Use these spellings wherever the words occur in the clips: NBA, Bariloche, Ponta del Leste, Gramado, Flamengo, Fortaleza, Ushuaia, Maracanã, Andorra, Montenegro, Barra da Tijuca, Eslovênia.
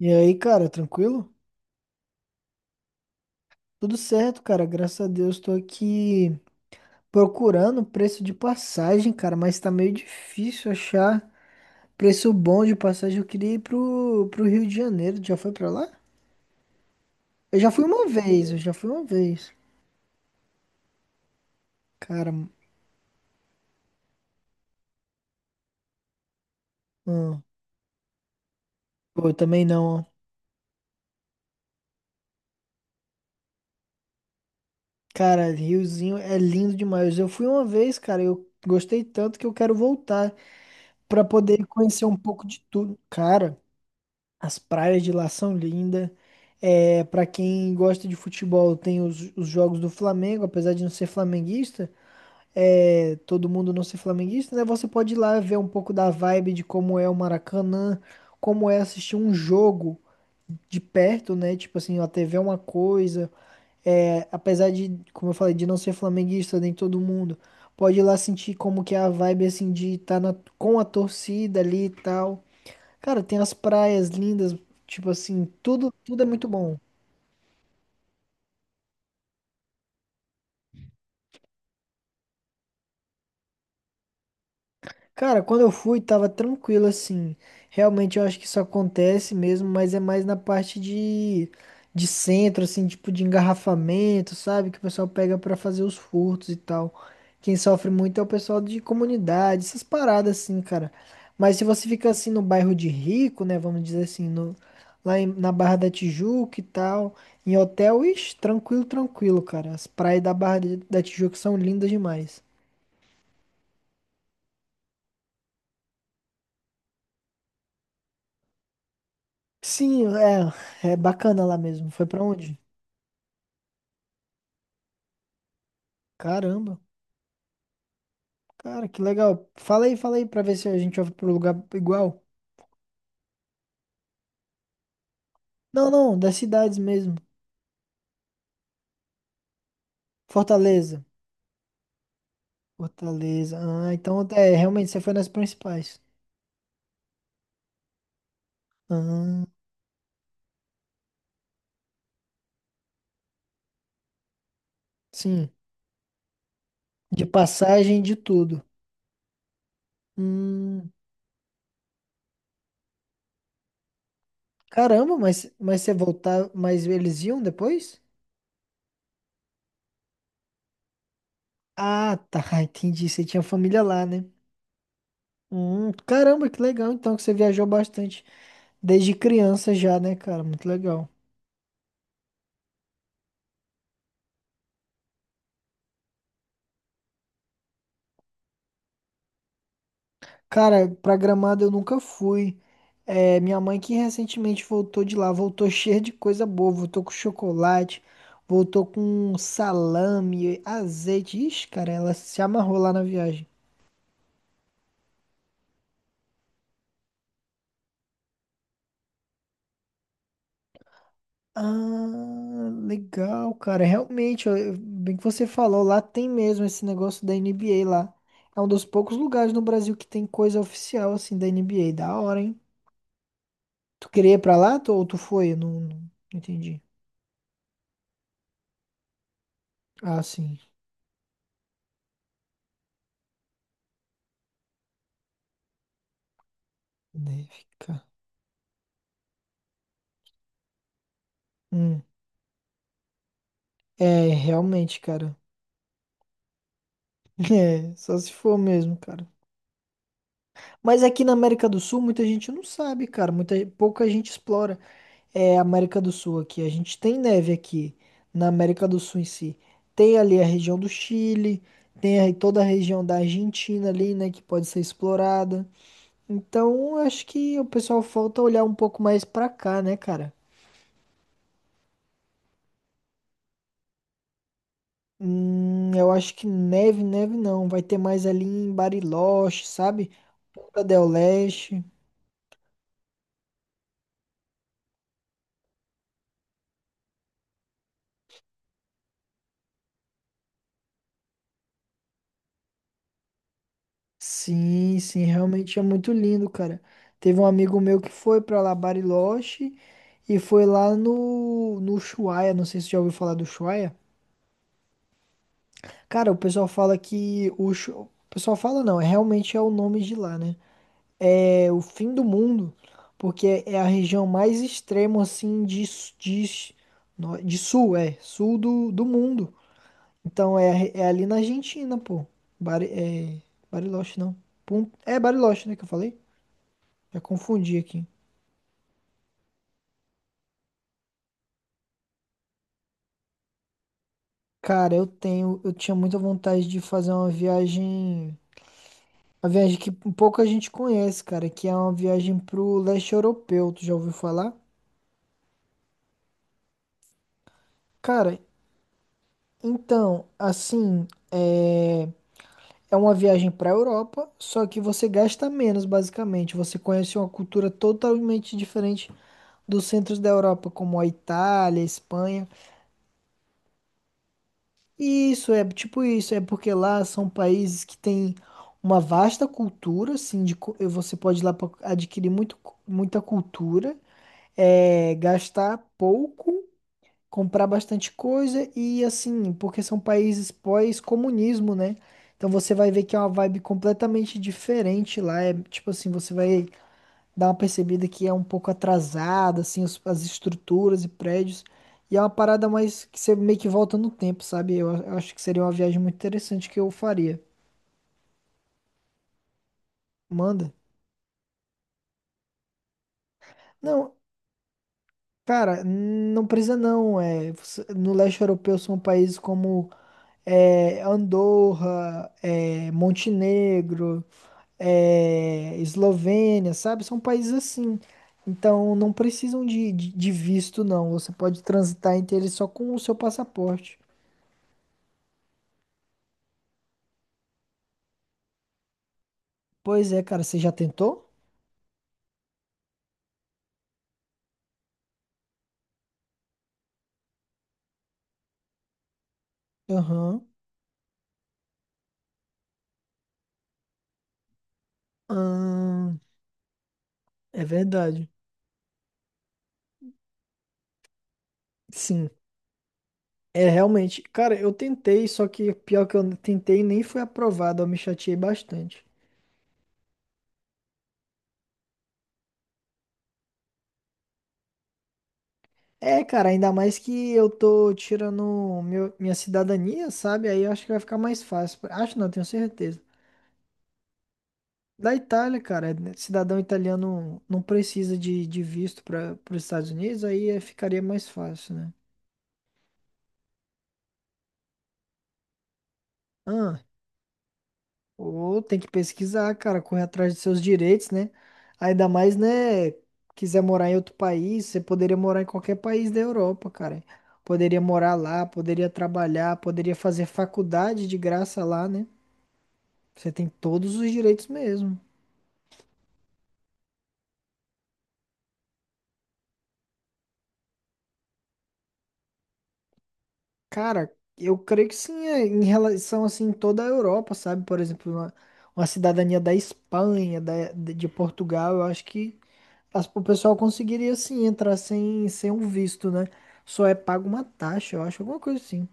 E aí, cara, tranquilo? Tudo certo, cara. Graças a Deus, tô aqui procurando preço de passagem, cara, mas tá meio difícil achar preço bom de passagem. Eu queria ir pro Rio de Janeiro. Tu Já foi pra lá? Eu já fui uma vez, eu já fui uma vez. Cara, hum, pô, eu também não. Ó. Cara, Riozinho é lindo demais. Eu fui uma vez, cara, eu gostei tanto que eu quero voltar pra poder conhecer um pouco de tudo. Cara. As praias de lá são lindas. É, para quem gosta de futebol, tem os jogos do Flamengo, apesar de não ser flamenguista, é, todo mundo não ser flamenguista, né? Você pode ir lá ver um pouco da vibe de como é o Maracanã, como é assistir um jogo de perto, né? Tipo assim, a TV é uma coisa, é, apesar de, como eu falei, de não ser flamenguista, nem todo mundo, pode ir lá sentir como que é a vibe, assim, de estar com a torcida ali e tal. Cara, tem as praias lindas, tipo assim, tudo é muito bom. Cara, quando eu fui, tava tranquilo assim. Realmente eu acho que isso acontece mesmo, mas é mais na parte de centro, assim, tipo de engarrafamento, sabe? Que o pessoal pega pra fazer os furtos e tal. Quem sofre muito é o pessoal de comunidade, essas paradas assim, cara. Mas se você fica assim no bairro de rico, né? Vamos dizer assim, no, lá em- na Barra da Tijuca e tal, em hotel, ixi, tranquilo, tranquilo, cara. As praias da Barra da Tijuca são lindas demais. Sim, é, é bacana lá mesmo. Foi pra onde? Caramba, cara, que legal. Fala aí pra ver se a gente vai pro lugar igual. Não, não, das cidades mesmo. Fortaleza. Fortaleza. Ah, então é, realmente você foi nas principais. Ah, sim. De passagem de tudo. Hum, caramba, mas você voltar, mas eles iam depois? Ah, tá, entendi. Você tinha família lá, né? Caramba, que legal então que você viajou bastante. Desde criança já, né, cara? Muito legal. Cara, pra Gramado eu nunca fui. É, minha mãe que recentemente voltou de lá, voltou cheia de coisa boa, voltou com chocolate, voltou com salame, azeite. Ixi, cara, ela se amarrou lá na viagem. Ah, legal, cara. Realmente, ó, eu- bem que você falou, lá tem mesmo esse negócio da NBA lá. É um dos poucos lugares no Brasil que tem coisa oficial assim da NBA. Da hora, hein? Tu queria ir pra lá tu- ou tu foi? Eu Não, não entendi. Ah, sim. Deve, cara. Hum. É, realmente, cara. É, só se for mesmo, cara. Mas aqui na América do Sul, muita gente não sabe, cara. Muita, pouca gente explora. É, a América do Sul aqui. A gente tem neve aqui, na América do Sul em si. Tem ali a região do Chile, tem aí toda a região da Argentina ali, né, que pode ser explorada. Então, acho que o pessoal falta olhar um pouco mais pra cá, né, cara? Eu acho que neve não. Vai ter mais ali em Bariloche, sabe? Ponta del Leste. Sim, sim, realmente é muito lindo, cara. Teve um amigo meu que foi pra lá, Bariloche, e foi lá no Ushuaia. Não sei se você já ouviu falar do Ushuaia. Cara, o pessoal fala que o, Ushu- o pessoal fala não, é realmente é o nome de lá, né? É o fim do mundo, porque é a região mais extrema assim de, s- no- de sul, é, sul do mundo. Então é, é ali na Argentina, pô. Bari, é, Bariloche, não. Pun- É Bariloche, né, que eu falei? Já confundi aqui. Cara, eu tenho, eu tinha muita vontade de fazer uma viagem que pouca gente conhece, cara, que é uma viagem pro leste europeu, tu já ouviu falar? Cara, então, assim, é, é uma viagem pra Europa, só que você gasta menos, basicamente. Você conhece uma cultura totalmente diferente dos centros da Europa, como a Itália, a Espanha. Isso é tipo isso, é porque lá são países que têm uma vasta cultura, assim, de, cu- você pode ir lá para adquirir muito, cu- muita cultura, é, gastar pouco, comprar bastante coisa e assim, porque são países pós-comunismo, né? Então você vai ver que é uma vibe completamente diferente lá, é tipo assim, você vai dá uma percebida que é um pouco atrasado, assim, os- as estruturas e prédios. E é uma parada mais que você meio que volta no tempo, sabe? Eu, a- eu acho que seria uma viagem muito interessante que eu faria. Manda. Não, cara, não precisa não. É, você- no leste europeu são países como é, Andorra, é, Montenegro, é, Eslovênia, sabe? São países assim. Então não precisam de, de visto, não. Você pode transitar entre eles só com o seu passaporte. Pois é, cara, você já tentou? Aham. Ah, é verdade. Sim. É realmente. Cara, eu tentei, só que pior que eu tentei nem foi aprovado. Eu me chateei bastante. É, cara, ainda mais que eu tô tirando meu- minha cidadania, sabe? Aí eu acho que vai ficar mais fácil. Acho não, tenho certeza. Da Itália, cara, né, cidadão italiano não precisa de visto para os Estados Unidos, aí eh, ficaria mais fácil, né? Ah, ou tem que pesquisar, cara, correr atrás de seus direitos, né? Ainda mais, né? Quiser morar em outro país, você poderia morar em qualquer país da Europa, cara. Poderia morar lá, poderia trabalhar, poderia fazer faculdade de graça lá, né? Você tem todos os direitos mesmo. Cara, eu creio que sim, é, em relação assim, em toda a Europa, sabe? Por exemplo, uma cidadania da Espanha, da, de Portugal, eu acho que. As- O pessoal conseguiria sim entrar sem, sem um visto, né? Só é pago uma taxa, eu acho, alguma coisa assim.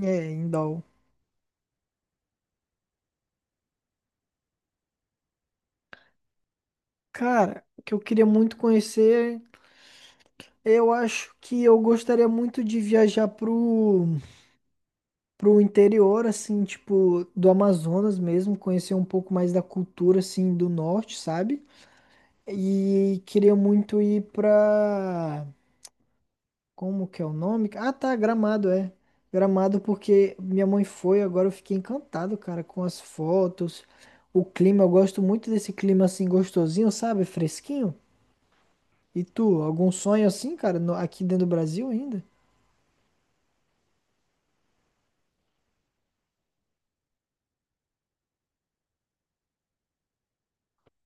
É, em dólar. Cara, o que eu queria muito conhecer, eu acho que eu gostaria muito de viajar pro, pro interior, assim, tipo, do Amazonas mesmo, conhecer um pouco mais da cultura, assim, do norte, sabe? E queria muito ir pra Como que é o nome? Ah, tá, Gramado, é. Gramado porque minha mãe foi, agora eu fiquei encantado, cara, com as fotos, o clima, eu gosto muito desse clima assim gostosinho, sabe? Fresquinho. E tu, algum sonho assim, cara, no- aqui dentro do Brasil ainda?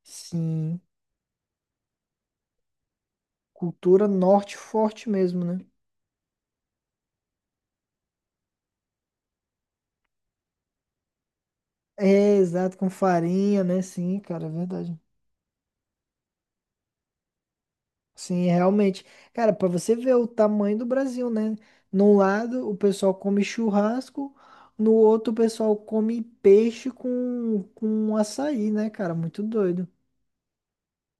Sim, cultura norte forte mesmo, né? É, exato, com farinha, né? Sim, cara, é verdade. Sim, realmente. Cara, pra você ver o tamanho do Brasil, né? Num lado o pessoal come churrasco, no outro o pessoal come peixe com açaí, né, cara? Muito doido.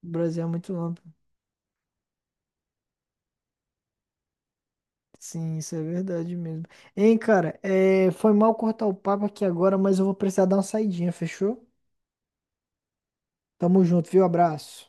O Brasil é muito amplo. Sim, isso é verdade mesmo. Hein, cara, é, foi mal cortar o papo aqui agora, mas eu vou precisar dar uma saidinha, fechou? Tamo junto, viu? Abraço.